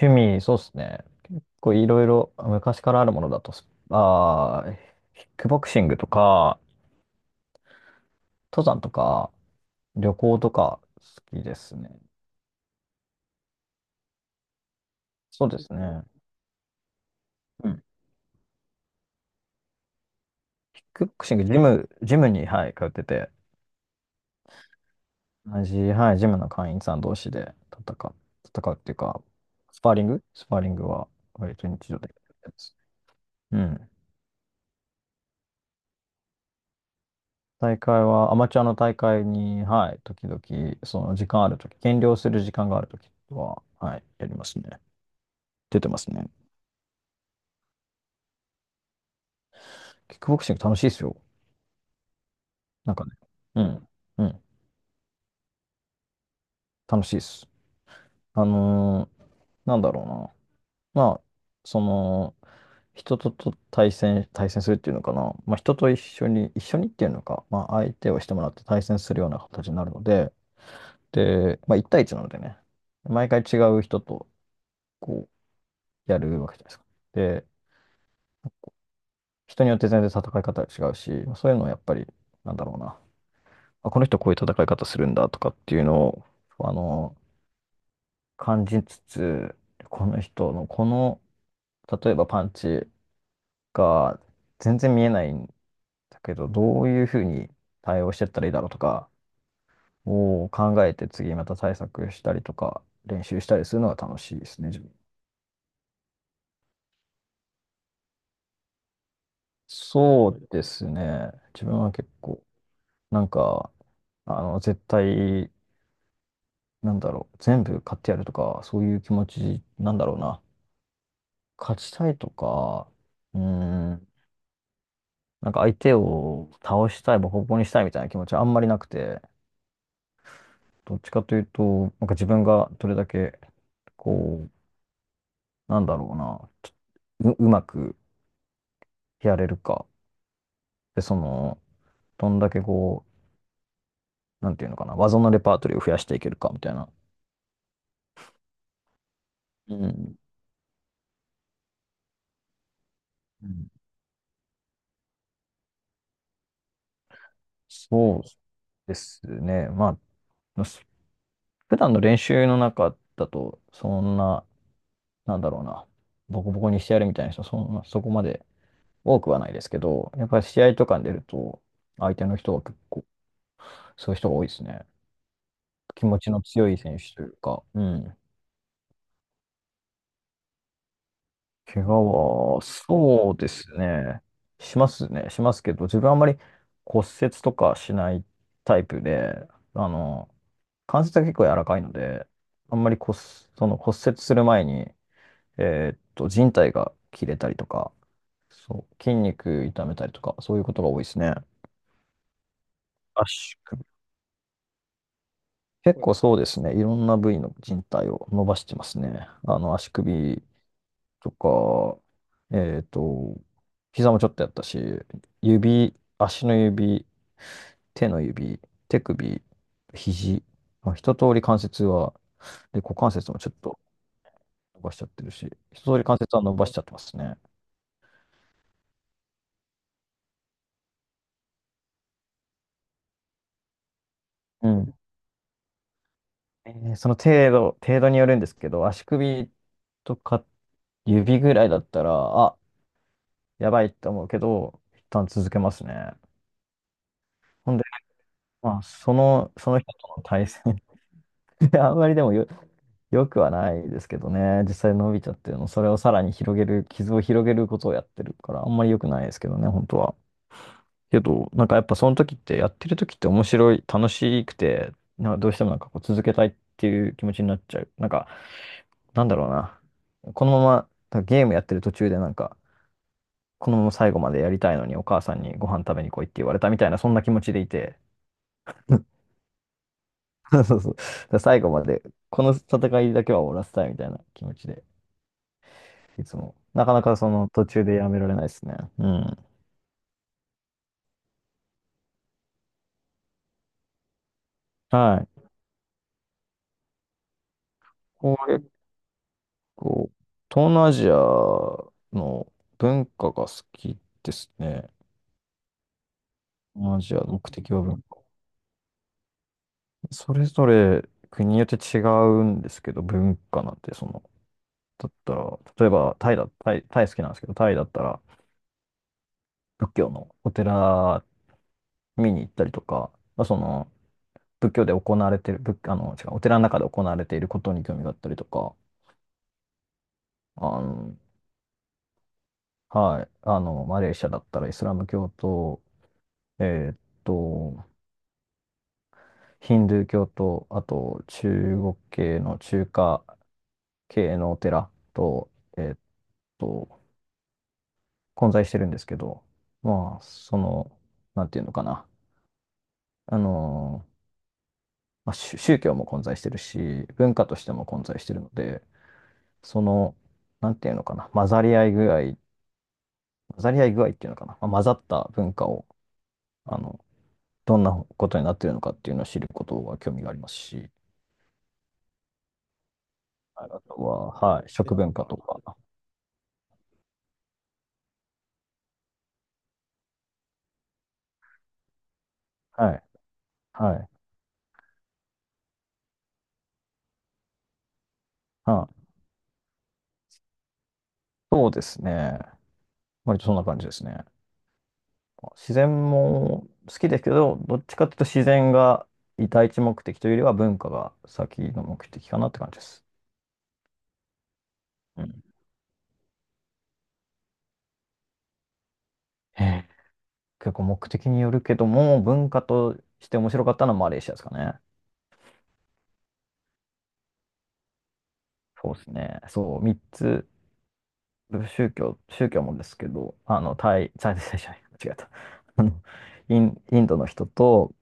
趣味、そうですね。いろいろ昔からあるものだとス、あー、キックボクシングとか、登山とか、旅行とか好きですね。そうですね。うん。キックボクシング、ジムに、はい、通ってて、同じ、はい、ジムの会員さん同士で戦う、戦うっていうか、スパーリングは割と日常的です。うん。大会は、アマチュアの大会に、はい、時々、その時間あるとき、減量する時間があるときは、はい、やりますね。出てますね。キックボクシング楽しいですよ。なんかね。うん。うん。楽しいです。あのーなんだろうな。まあ、その、人とと対戦、対戦するっていうのかな。まあ、人と一緒に、一緒にっていうのか、まあ、相手をしてもらって対戦するような形になるので、で、まあ、1対1なのでね、毎回違う人と、こやるわけじゃないですか。で、人によって全然戦い方が違うし、そういうのをやっぱり、なんだろうな。あ、この人こういう戦い方するんだとかっていうのを、あの、感じつつ、この人のこの、例えばパンチが全然見えないんだけど、どういうふうに対応してったらいいだろうとかを考えて、次また対策したりとか練習したりするのが楽しいですね、自分。そうですね。自分は結構、なんか、絶対、なんだろう、全部勝ってやるとか、そういう気持ちなんだろうな。勝ちたいとか、うーん、なんか相手を倒したい、ボコボコにしたいみたいな気持ちはあんまりなくて、どっちかというと、なんか自分がどれだけ、こなんだろうな、ちょう、うまくやれるか。で、その、どんだけなんていうのかな、技のレパートリーを増やしていけるかみたいな。うん。うん、そうですね。まあ、普段の練習の中だと、そんな、なんだろうな、ボコボコにしてやるみたいな人、そんな、そこまで多くはないですけど、やっぱり試合とかに出ると、相手の人は結構、そういう人が多いですね。気持ちの強い選手というか、うん。怪我は、そうですね。しますね。しますけど、自分はあんまり骨折とかしないタイプで、あの、関節が結構柔らかいので、あんまり骨、その骨折する前に、靭帯が切れたりとか、そう、筋肉痛めたりとか、そういうことが多いですね。圧縮結構そうですね。いろんな部位の人体を伸ばしてますね。あの、足首とか、えっと、膝もちょっとやったし、指、足の指、手の指、手首、肘、まあ、一通り関節は、で、股関節もちょっと伸ばしちゃってるし、一通り関節は伸ばしちゃってますね。うん。その程度、程度によるんですけど、足首とか指ぐらいだったら、あ、やばいって思うけど、一旦続けますね。ほんで、まあ、その、その人との対戦 あんまりでもよ、よくはないですけどね、実際伸びちゃってるの、それをさらに広げる、傷を広げることをやってるから、あんまり良くないですけどね、本当は。けど、なんかやっぱその時って、やってる時って面白い、楽しくて、な、どうしてもなんかこう続けたいっていう気持ちになっちゃう。なんか、なんだろうな。このまま、ゲームやってる途中でなんか、このまま最後までやりたいのに、お母さんにご飯食べに来いって言われたみたいな、そんな気持ちでいて、そうそうそう、だから最後まで、この戦いだけは終わらせたいみたいな気持ちで、いつも。なかなかその途中でやめられないですね。うん。はい。結構、東南アジアの文化が好きですね。東南アジアの目的は文化。それぞれ国によって違うんですけど、文化なんてその、だったら、例えばタイだ、タイ、タイ好きなんですけど、タイだったら、仏教のお寺見に行ったりとか、まあ、その仏教で行われてる、仏、あの、違う、お寺の中で行われていることに興味があったりとか、あの、はい、あの、マレーシアだったらイスラム教と、えーっと、ヒンドゥー教と、あと中華系のお寺と、えーっと、混在してるんですけど、まあ、その、なんていうのかな、あの、まあ、宗教も混在してるし、文化としても混在してるので、その、なんていうのかな、混ざり合い具合っていうのかな、まあ混ざった文化を、あの、どんなことになってるのかっていうのを知ることは興味がありますし、あとは、はい、食文化とか、はい、はい、はい、そうですね。割とそんな感じですね。自然も好きですけど、どっちかというと自然が第一目的というよりは文化が先の目的かなって感じです。うん、ええ、結構目的によるけども、文化として面白かったのはマレーシアですかね。そうですね。そう、三つ、宗教もですけど、あの、タイじゃない、間違えた。あの、インドの人と、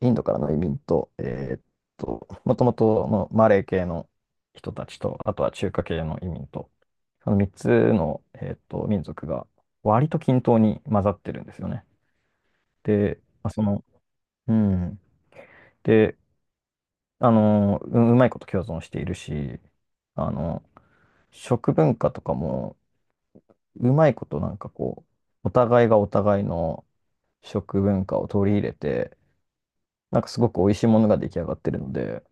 インドからの移民と、もともとのマレー系の人たちと、あとは中華系の移民と、その三つの、民族が割と均等に混ざってるんですよね。で、まあ、その、うん。で、あの、うまいこと共存しているし、あの、食文化とかも、うまいことなんかこう、お互いがお互いの食文化を取り入れて、なんかすごく美味しいものが出来上がってるので、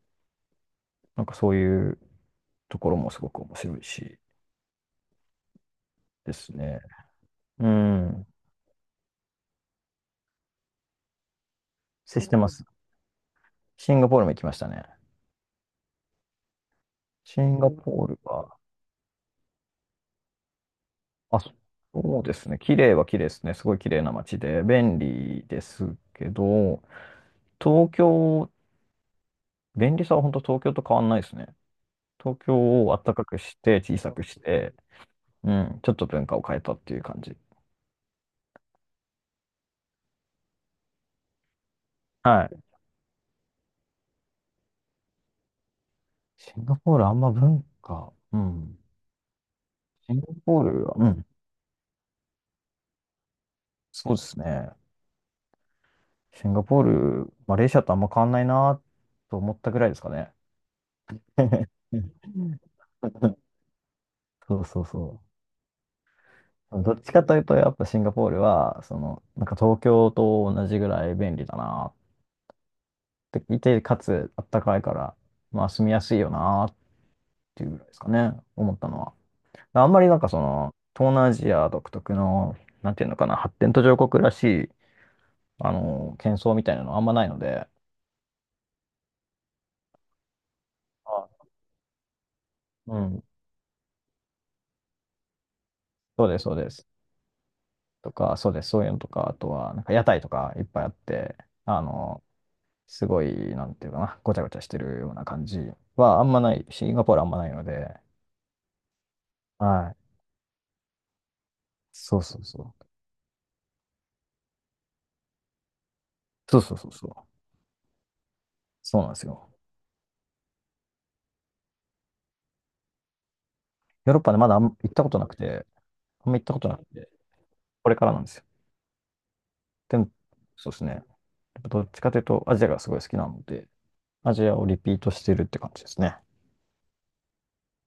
なんかそういうところもすごく面白いしですね。うん。接してます。シンガポールも行きましたね。シンガポールは、あ、そそうですね。綺麗は綺麗ですね。すごい綺麗な街で、便利ですけど、東京、便利さは本当東京と変わんないですね。東京を暖かくして、小さくして、うん、ちょっと文化を変えたっていう感じ。はい。シンガポールあんま文化。うん。シンガポールは、うん、そうですね。シンガポール、マレーシアとあんま変わんないなと思ったぐらいですかね。そうそうそう。どっちかというと、やっぱシンガポールは、その、なんか東京と同じぐらい便利だなっていて、かつあったかいから、まあ住みやすいよなっていうぐらいですかね、思ったのは。あんまりなんかその、東南アジア独特の、なんていうのかな、発展途上国らしい、あの、喧騒みたいなのあんまないので、あ、うん、そうです、そうです。とか、そうです、そういうのとか、あとは、なんか屋台とかいっぱいあって、あの、すごい、なんていうかな、ごちゃごちゃしてるような感じはあんまない、シンガポールあんまないので、はい。そうそうそう。そうそうそうそう。そうなんですよ。ヨーロッパでまだあん行ったことなくて、あんま行ったことなくて、これからなんですよ。でも、そうですね。やっぱどっちかというと、アジアがすごい好きなので、アジアをリピートしてるって感じですね。